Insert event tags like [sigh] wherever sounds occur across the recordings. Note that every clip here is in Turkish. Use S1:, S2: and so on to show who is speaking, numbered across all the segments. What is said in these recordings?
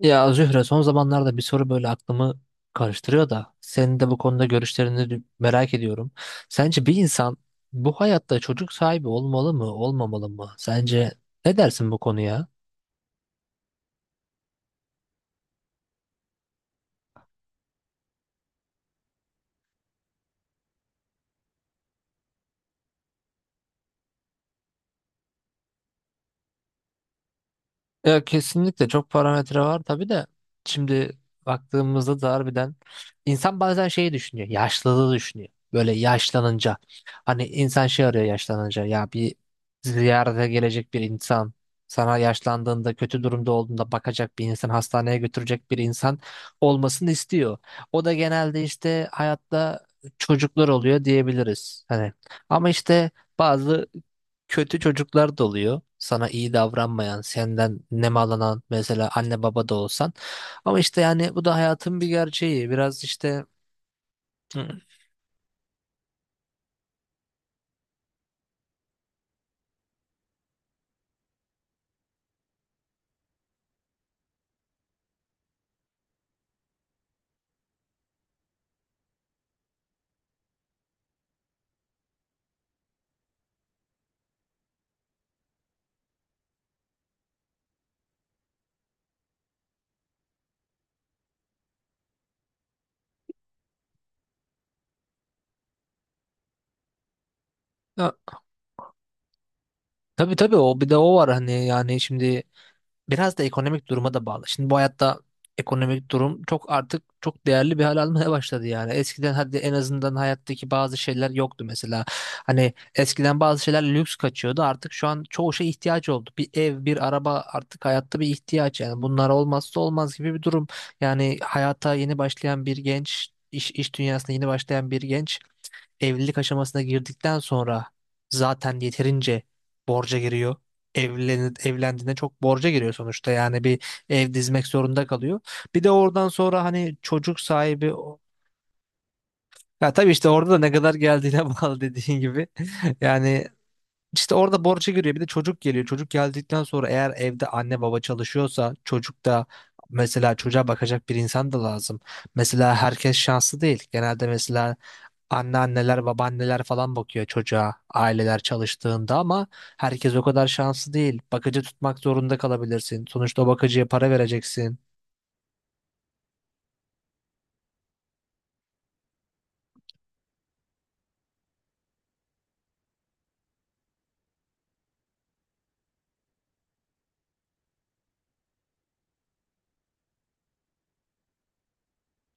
S1: Ya Zühre, son zamanlarda bir soru böyle aklımı karıştırıyor da senin de bu konuda görüşlerini de merak ediyorum. Sence bir insan bu hayatta çocuk sahibi olmalı mı, olmamalı mı? Sence ne dersin bu konuya? Ya kesinlikle çok parametre var tabii de şimdi baktığımızda da harbiden insan bazen şeyi düşünüyor, yaşlılığı düşünüyor, böyle yaşlanınca hani insan şey arıyor yaşlanınca, ya bir ziyarete gelecek bir insan, sana yaşlandığında kötü durumda olduğunda bakacak bir insan, hastaneye götürecek bir insan olmasını istiyor. O da genelde işte hayatta çocuklar oluyor diyebiliriz hani, ama işte bazı kötü çocuklar da oluyor. Sana iyi davranmayan, senden nemalanan, mesela anne baba da olsan. Ama işte yani bu da hayatın bir gerçeği. Biraz işte. Hı. Ya, tabii tabii, o bir de o var hani, yani şimdi biraz da ekonomik duruma da bağlı. Şimdi bu hayatta ekonomik durum çok, artık çok değerli bir hal almaya [laughs] başladı yani. Eskiden hadi en azından hayattaki bazı şeyler yoktu mesela. Hani eskiden bazı şeyler lüks kaçıyordu. Artık şu an çoğu şey ihtiyaç oldu. Bir ev, bir araba artık hayatta bir ihtiyaç yani. Bunlar olmazsa olmaz gibi bir durum. Yani hayata yeni başlayan bir genç, iş dünyasına yeni başlayan bir genç evlilik aşamasına girdikten sonra zaten yeterince borca giriyor. Evlendiğinde çok borca giriyor sonuçta, yani bir ev dizmek zorunda kalıyor. Bir de oradan sonra hani çocuk sahibi o- ya tabii işte orada da ne kadar geldiğine [laughs] bağlı dediğin gibi. Yani işte orada borca giriyor, bir de çocuk geliyor. Çocuk geldikten sonra eğer evde anne baba çalışıyorsa çocuk da mesela, çocuğa bakacak bir insan da lazım. Mesela herkes şanslı değil. Genelde mesela anneanneler, babaanneler falan bakıyor çocuğa aileler çalıştığında, ama herkes o kadar şanslı değil. Bakıcı tutmak zorunda kalabilirsin. Sonuçta o bakıcıya para vereceksin.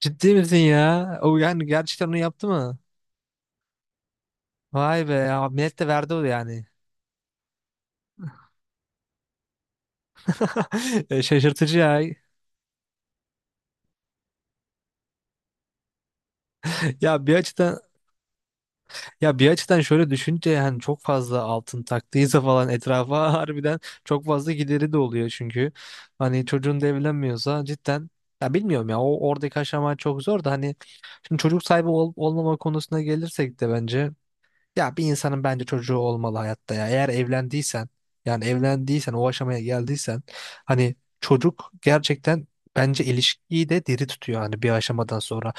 S1: Ciddi misin ya? O yani gerçekten onu yaptı mı? Vay be ya, millet de verdi o yani. [laughs] Şaşırtıcı ya. Ya bir açıdan, ya bir açıdan şöyle düşünce, yani çok fazla altın taktıysa falan etrafa [laughs] harbiden çok fazla gideri de oluyor çünkü. Hani çocuğun da evlenmiyorsa cidden, ya bilmiyorum ya, o oradaki aşama çok zor da hani şimdi çocuk sahibi ol- olmama konusuna gelirsek de bence, ya bir insanın bence çocuğu olmalı hayatta ya. Eğer evlendiysen, yani evlendiysen o aşamaya geldiysen, hani çocuk gerçekten bence ilişkiyi de diri tutuyor hani bir aşamadan sonra.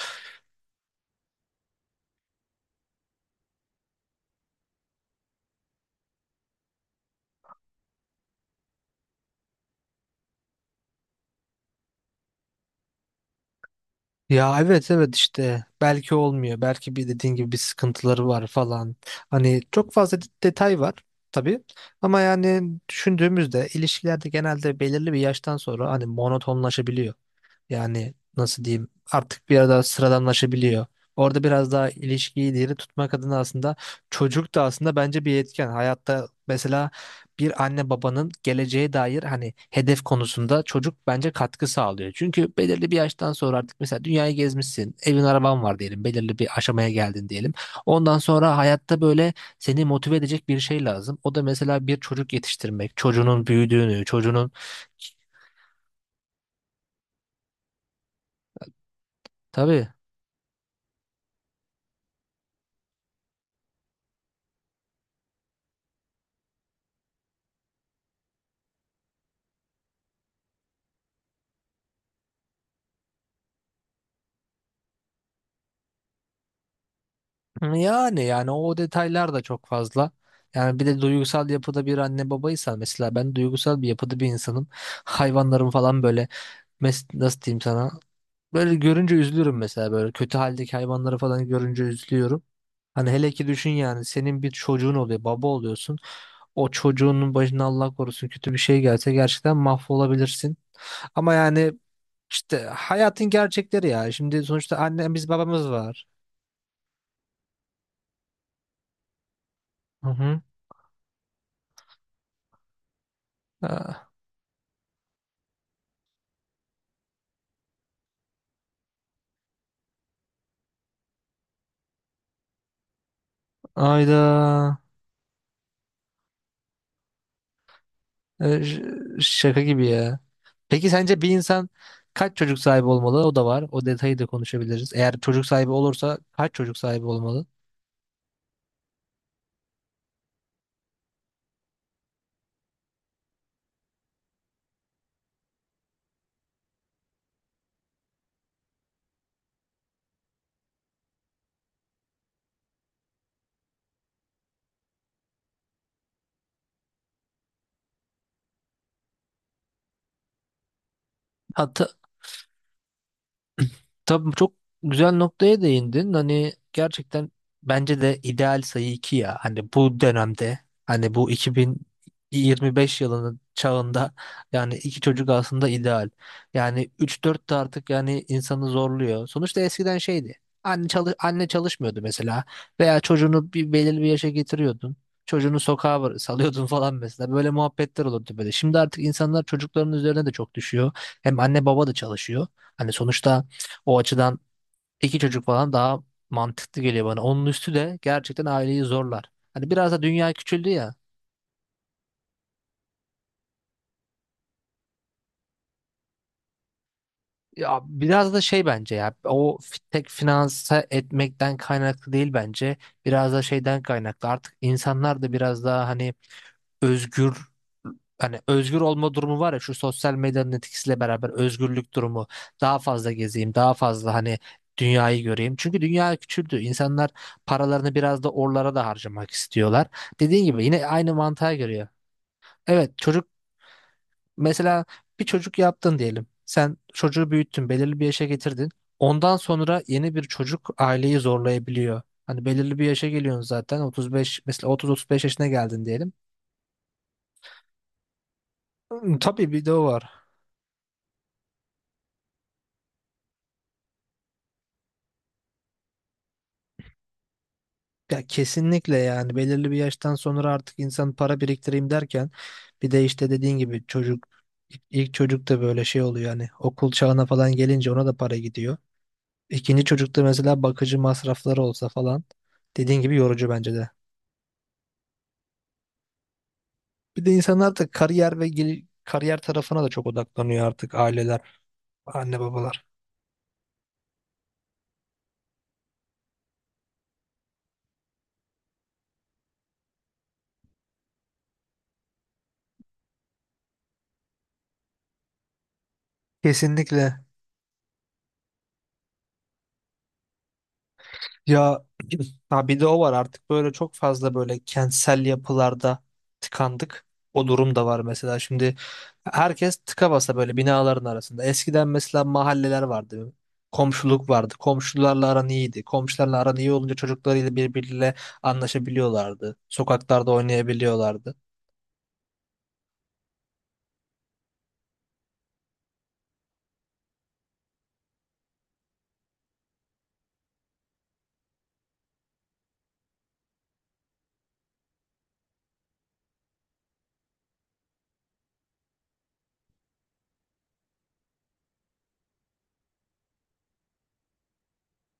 S1: Ya evet evet, işte belki olmuyor. Belki bir dediğin gibi bir sıkıntıları var falan. Hani çok fazla de- detay var tabii. Ama yani düşündüğümüzde ilişkilerde genelde belirli bir yaştan sonra hani monotonlaşabiliyor. Yani nasıl diyeyim, artık biraz daha sıradanlaşabiliyor. Orada biraz daha ilişkiyi diri tutmak adına aslında çocuk da aslında bence bir etken. Hayatta mesela bir anne babanın geleceğe dair hani hedef konusunda çocuk bence katkı sağlıyor. Çünkü belirli bir yaştan sonra artık mesela dünyayı gezmişsin, evin araban var diyelim, belirli bir aşamaya geldin diyelim. Ondan sonra hayatta böyle seni motive edecek bir şey lazım. O da mesela bir çocuk yetiştirmek, çocuğunun büyüdüğünü, çocuğunun tabii. Yani o detaylar da çok fazla. Yani bir de duygusal yapıda bir anne babaysan, mesela ben duygusal bir yapıda bir insanım. Hayvanlarım falan böyle, mes nasıl diyeyim sana? Böyle görünce üzülürüm mesela, böyle kötü haldeki hayvanları falan görünce üzülüyorum. Hani hele ki düşün yani, senin bir çocuğun oluyor, baba oluyorsun. O çocuğunun başına Allah korusun kötü bir şey gelse gerçekten mahvolabilirsin. Ama yani işte hayatın gerçekleri ya. Şimdi sonuçta annemiz babamız var. Hı hı. Aa, Ayda. Ee, ş- Şaka gibi ya. Peki sence bir insan kaç çocuk sahibi olmalı? O da var. O detayı da konuşabiliriz. Eğer çocuk sahibi olursa kaç çocuk sahibi olmalı? Hat. Tabii çok güzel noktaya değindin. Hani gerçekten bence de ideal sayı 2 ya. Hani bu dönemde, hani bu 2025 yılının çağında yani 2 çocuk aslında ideal. Yani 3 4 de artık yani insanı zorluyor. Sonuçta eskiden şeydi. Anne çalışmıyordu mesela, veya çocuğunu bir belirli bir yaşa getiriyordun. Çocuğunu sokağa bıra- salıyordun falan mesela. Böyle muhabbetler olurdu böyle. Şimdi artık insanlar çocukların üzerine de çok düşüyor. Hem anne baba da çalışıyor. Hani sonuçta o açıdan iki çocuk falan daha mantıklı geliyor bana. Onun üstü de gerçekten aileyi zorlar. Hani biraz da dünya küçüldü ya. Ya biraz da şey bence ya, o fi- tek finanse etmekten kaynaklı değil bence. Biraz da şeyden kaynaklı. Artık insanlar da biraz daha hani özgür, hani özgür olma durumu var ya, şu sosyal medyanın etkisiyle beraber özgürlük durumu, daha fazla gezeyim, daha fazla hani dünyayı göreyim. Çünkü dünya küçüldü. İnsanlar paralarını biraz da oralara da harcamak istiyorlar. Dediğin gibi yine aynı mantığa giriyor. Evet çocuk mesela, bir çocuk yaptın diyelim. Sen çocuğu büyüttün, belirli bir yaşa getirdin. Ondan sonra yeni bir çocuk aileyi zorlayabiliyor. Hani belirli bir yaşa geliyorsun zaten, 35 mesela, 30-35 yaşına geldin diyelim. Hmm, tabii bir de o var. Ya kesinlikle, yani belirli bir yaştan sonra artık insan para biriktireyim derken bir de işte dediğin gibi çocuk, ilk çocuk da böyle şey oluyor hani, okul çağına falan gelince ona da para gidiyor. İkinci çocukta mesela bakıcı masrafları olsa falan, dediğin gibi yorucu bence de. Bir de insan artık kariyer ve gel- kariyer tarafına da çok odaklanıyor artık, aileler, anne babalar. Kesinlikle. Ya [clears throat] ha bir de o var, artık böyle çok fazla böyle kentsel yapılarda tıkandık. O durum da var mesela. Şimdi herkes tıka basa böyle binaların arasında. Eskiden mesela mahalleler vardı. Komşuluk vardı. Komşularla aran iyiydi. Komşularla aran iyi olunca çocuklarıyla birbiriyle anlaşabiliyorlardı. Sokaklarda oynayabiliyorlardı.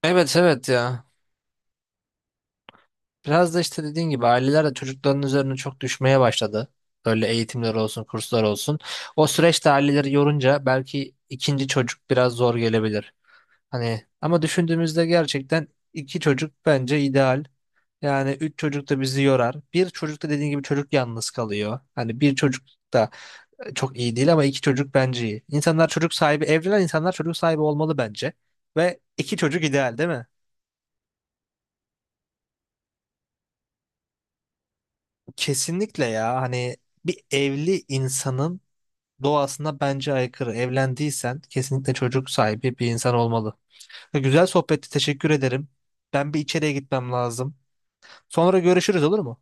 S1: Evet evet ya. Biraz da işte dediğin gibi aileler de çocukların üzerine çok düşmeye başladı. Böyle eğitimler olsun, kurslar olsun. O süreçte aileleri yorunca belki ikinci çocuk biraz zor gelebilir. Hani ama düşündüğümüzde gerçekten 2 çocuk bence ideal. Yani 3 çocuk da bizi yorar. Bir çocuk da dediğin gibi çocuk yalnız kalıyor. Hani bir çocuk da çok iyi değil, ama 2 çocuk bence iyi. İnsanlar çocuk sahibi, evlenen insanlar çocuk sahibi olmalı bence. Ve 2 çocuk ideal, değil mi? Kesinlikle ya, hani bir evli insanın doğasına bence aykırı. Evlendiysen kesinlikle çocuk sahibi bir insan olmalı. Güzel sohbetti, teşekkür ederim. Ben bir içeriye gitmem lazım. Sonra görüşürüz, olur mu?